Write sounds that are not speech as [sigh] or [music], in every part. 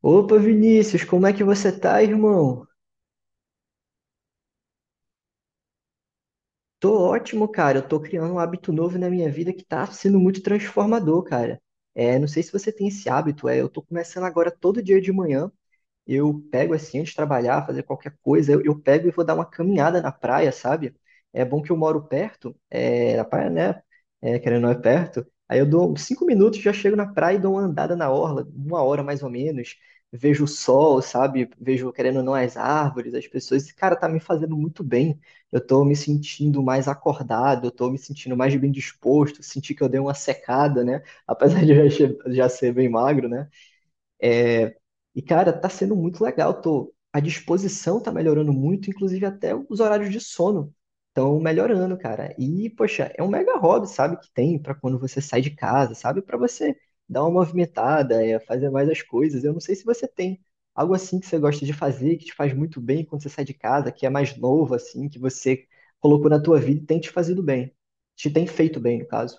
Opa, Vinícius, como é que você tá, irmão? Tô ótimo, cara. Eu tô criando um hábito novo na minha vida que tá sendo muito transformador, cara. É, não sei se você tem esse hábito, eu tô começando agora todo dia de manhã. Eu pego assim, antes de trabalhar, fazer qualquer coisa, eu pego e vou dar uma caminhada na praia, sabe? É bom que eu moro perto, na praia, né? É, querendo ou não é perto. Aí eu dou uns 5 minutos, já chego na praia e dou uma andada na orla, uma hora mais ou menos. Vejo o sol, sabe? Vejo, querendo ou não, as árvores, as pessoas. Esse cara tá me fazendo muito bem. Eu tô me sentindo mais acordado, eu tô me sentindo mais bem disposto. Senti que eu dei uma secada, né? Apesar de eu já ser bem magro, né? E, cara, tá sendo muito legal. A disposição tá melhorando muito, inclusive até os horários de sono estão melhorando, cara. E, poxa, é um mega hobby, sabe, que tem pra quando você sai de casa, sabe? Pra você dar uma movimentada, é, fazer mais as coisas. Eu não sei se você tem algo assim que você gosta de fazer, que te faz muito bem quando você sai de casa, que é mais novo, assim, que você colocou na tua vida e tem te fazido bem. Te tem feito bem, no caso.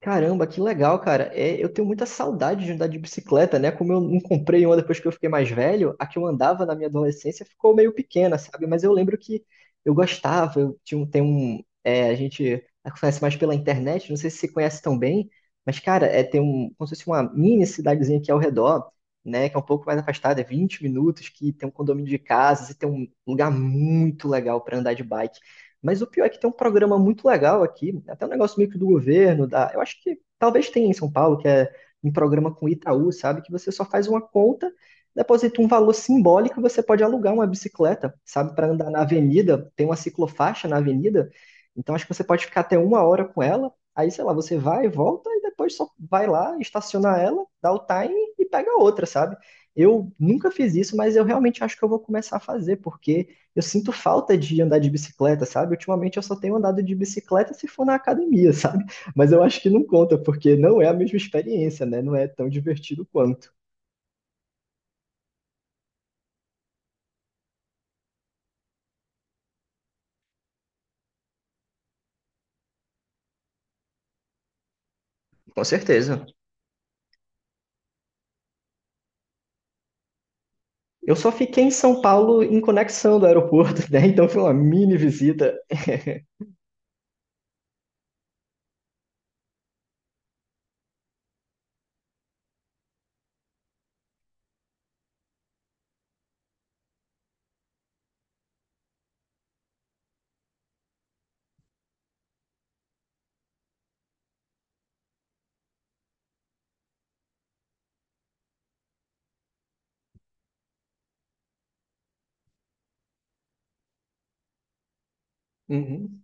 Caramba, que legal, cara. É, eu tenho muita saudade de andar de bicicleta, né? Como eu não comprei uma depois que eu fiquei mais velho, a que eu andava na minha adolescência ficou meio pequena, sabe? Mas eu lembro que eu gostava, eu tinha um, tem um, é, a gente conhece mais pela internet, não sei se você conhece tão bem, mas, cara, como se fosse uma mini cidadezinha aqui ao redor, né? Que é um pouco mais afastada, é 20 minutos, que tem um condomínio de casas e tem um lugar muito legal para andar de bike. Mas o pior é que tem um programa muito legal aqui, até um negócio meio que do governo, da, eu acho que talvez tenha em São Paulo, que é um programa com Itaú, sabe? Que você só faz uma conta, deposita um valor simbólico, você pode alugar uma bicicleta, sabe? Para andar na avenida, tem uma ciclofaixa na avenida, então acho que você pode ficar até uma hora com ela, aí sei lá, você vai, volta e depois só vai lá, estaciona ela, dá o time e pega outra, sabe? Eu nunca fiz isso, mas eu realmente acho que eu vou começar a fazer, porque eu sinto falta de andar de bicicleta, sabe? Ultimamente eu só tenho andado de bicicleta se for na academia, [laughs] sabe? Mas eu acho que não conta, porque não é a mesma experiência, né? Não é tão divertido quanto. Com certeza. Eu só fiquei em São Paulo em conexão do aeroporto, [laughs] né? Então foi uma mini visita. Uhum.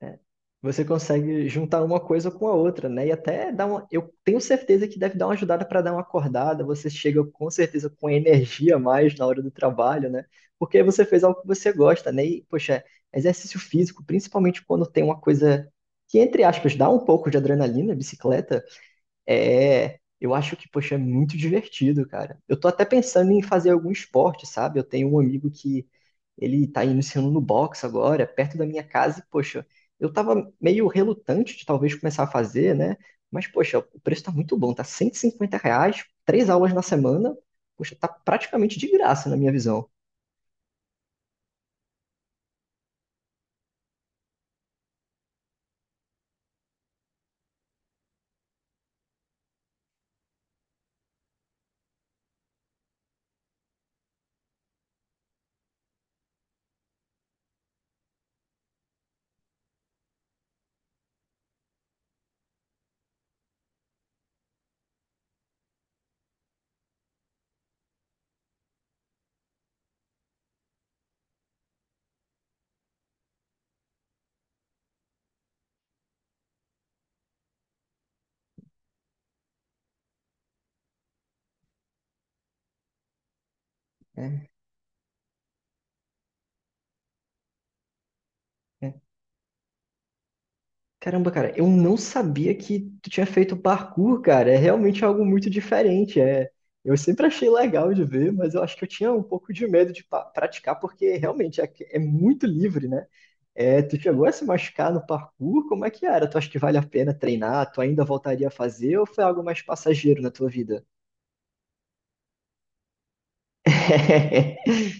É. Você consegue juntar uma coisa com a outra, né? E até dá uma. Eu tenho certeza que deve dar uma ajudada para dar uma acordada. Você chega com certeza com energia a mais na hora do trabalho, né? Porque você fez algo que você gosta, né? E, poxa, exercício físico, principalmente quando tem uma coisa que, entre aspas, dá um pouco de adrenalina, bicicleta. É, eu acho que, poxa, é muito divertido, cara. Eu tô até pensando em fazer algum esporte, sabe? Eu tenho um amigo que ele tá iniciando no boxe agora, perto da minha casa, e, poxa, eu tava meio relutante de talvez começar a fazer, né? Mas, poxa, o preço tá muito bom, tá R$ 150, três aulas na semana, poxa, tá praticamente de graça na minha visão. Né? Caramba, cara, eu não sabia que tu tinha feito parkour, cara. É realmente algo muito diferente. É, eu sempre achei legal de ver, mas eu acho que eu tinha um pouco de medo de praticar, porque realmente é, é muito livre, né? É, tu chegou a se machucar no parkour? Como é que era? Tu acha que vale a pena treinar? Tu ainda voltaria a fazer ou foi algo mais passageiro na tua vida? [laughs]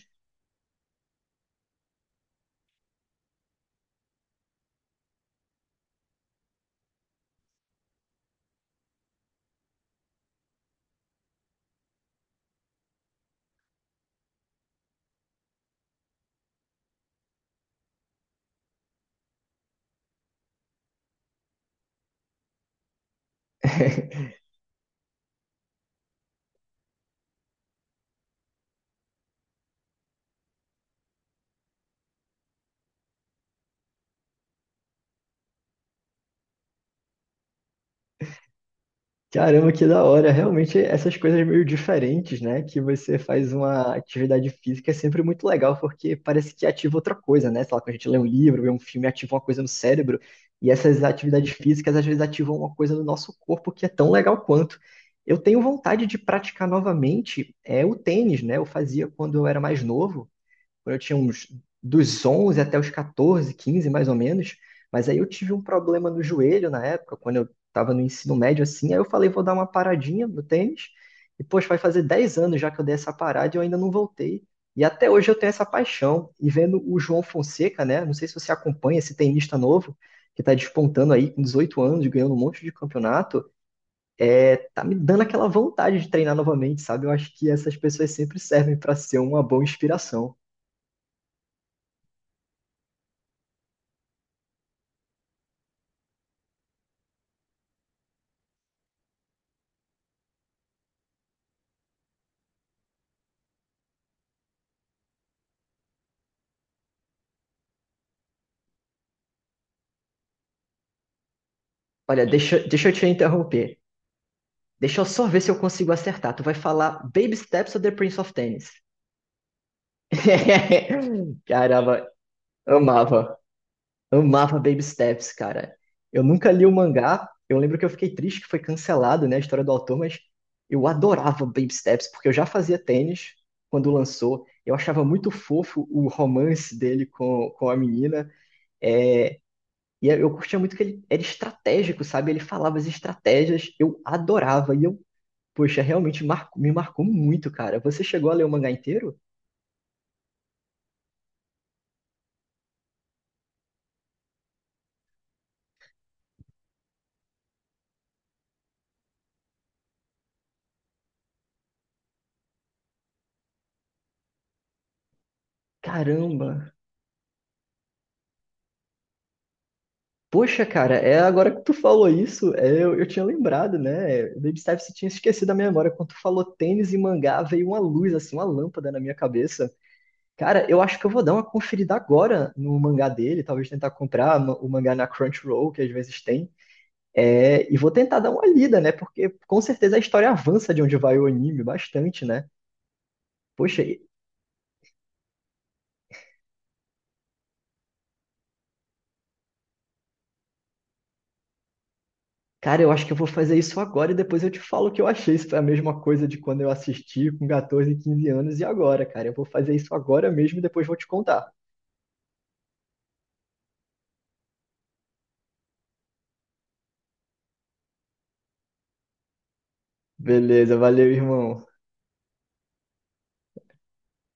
Caramba, que da hora. Realmente, essas coisas meio diferentes, né? Que você faz uma atividade física é sempre muito legal, porque parece que ativa outra coisa, né? Sei lá, quando a gente lê um livro, vê um filme, ativa uma coisa no cérebro. E essas atividades físicas, às vezes, ativam uma coisa no nosso corpo que é tão legal quanto. Eu tenho vontade de praticar novamente o tênis, né? Eu fazia quando eu era mais novo quando eu tinha uns dos 11 até os 14, 15 mais ou menos, mas aí eu tive um problema no joelho na época, quando eu estava no ensino médio assim, aí eu falei, vou dar uma paradinha no tênis, e poxa, vai fazer 10 anos já que eu dei essa parada e eu ainda não voltei. E até hoje eu tenho essa paixão. E vendo o João Fonseca, né? Não sei se você acompanha esse tenista novo, que está despontando aí com 18 anos, ganhando um monte de campeonato, tá me dando aquela vontade de treinar novamente, sabe? Eu acho que essas pessoas sempre servem para ser uma boa inspiração. Olha, deixa, deixa eu te interromper. Deixa eu só ver se eu consigo acertar. Tu vai falar Baby Steps ou The Prince of Tennis? [laughs] Caramba, amava. Amava Baby Steps, cara. Eu nunca li o mangá. Eu lembro que eu fiquei triste que foi cancelado, né, a história do autor, mas eu adorava Baby Steps, porque eu já fazia tênis quando lançou. Eu achava muito fofo o romance dele com a menina. É, e eu curtia muito que ele era estratégico, sabe? Ele falava as estratégias, eu adorava. E eu Poxa, realmente me marcou muito, cara. Você chegou a ler o mangá inteiro? Caramba! Poxa, cara, é agora que tu falou isso, eu tinha lembrado, né? Baby Steps tinha esquecido da minha memória. Quando tu falou tênis e mangá, veio uma luz, assim, uma lâmpada na minha cabeça. Cara, eu acho que eu vou dar uma conferida agora no mangá dele, talvez tentar comprar o mangá na Crunchyroll, que às vezes tem. É, e vou tentar dar uma lida, né? Porque com certeza a história avança de onde vai o anime bastante, né? Poxa, cara, eu acho que eu vou fazer isso agora e depois eu te falo o que eu achei. Se foi a mesma coisa de quando eu assisti com 14, 15 anos e agora, cara. Eu vou fazer isso agora mesmo e depois vou te contar. Beleza, valeu, irmão.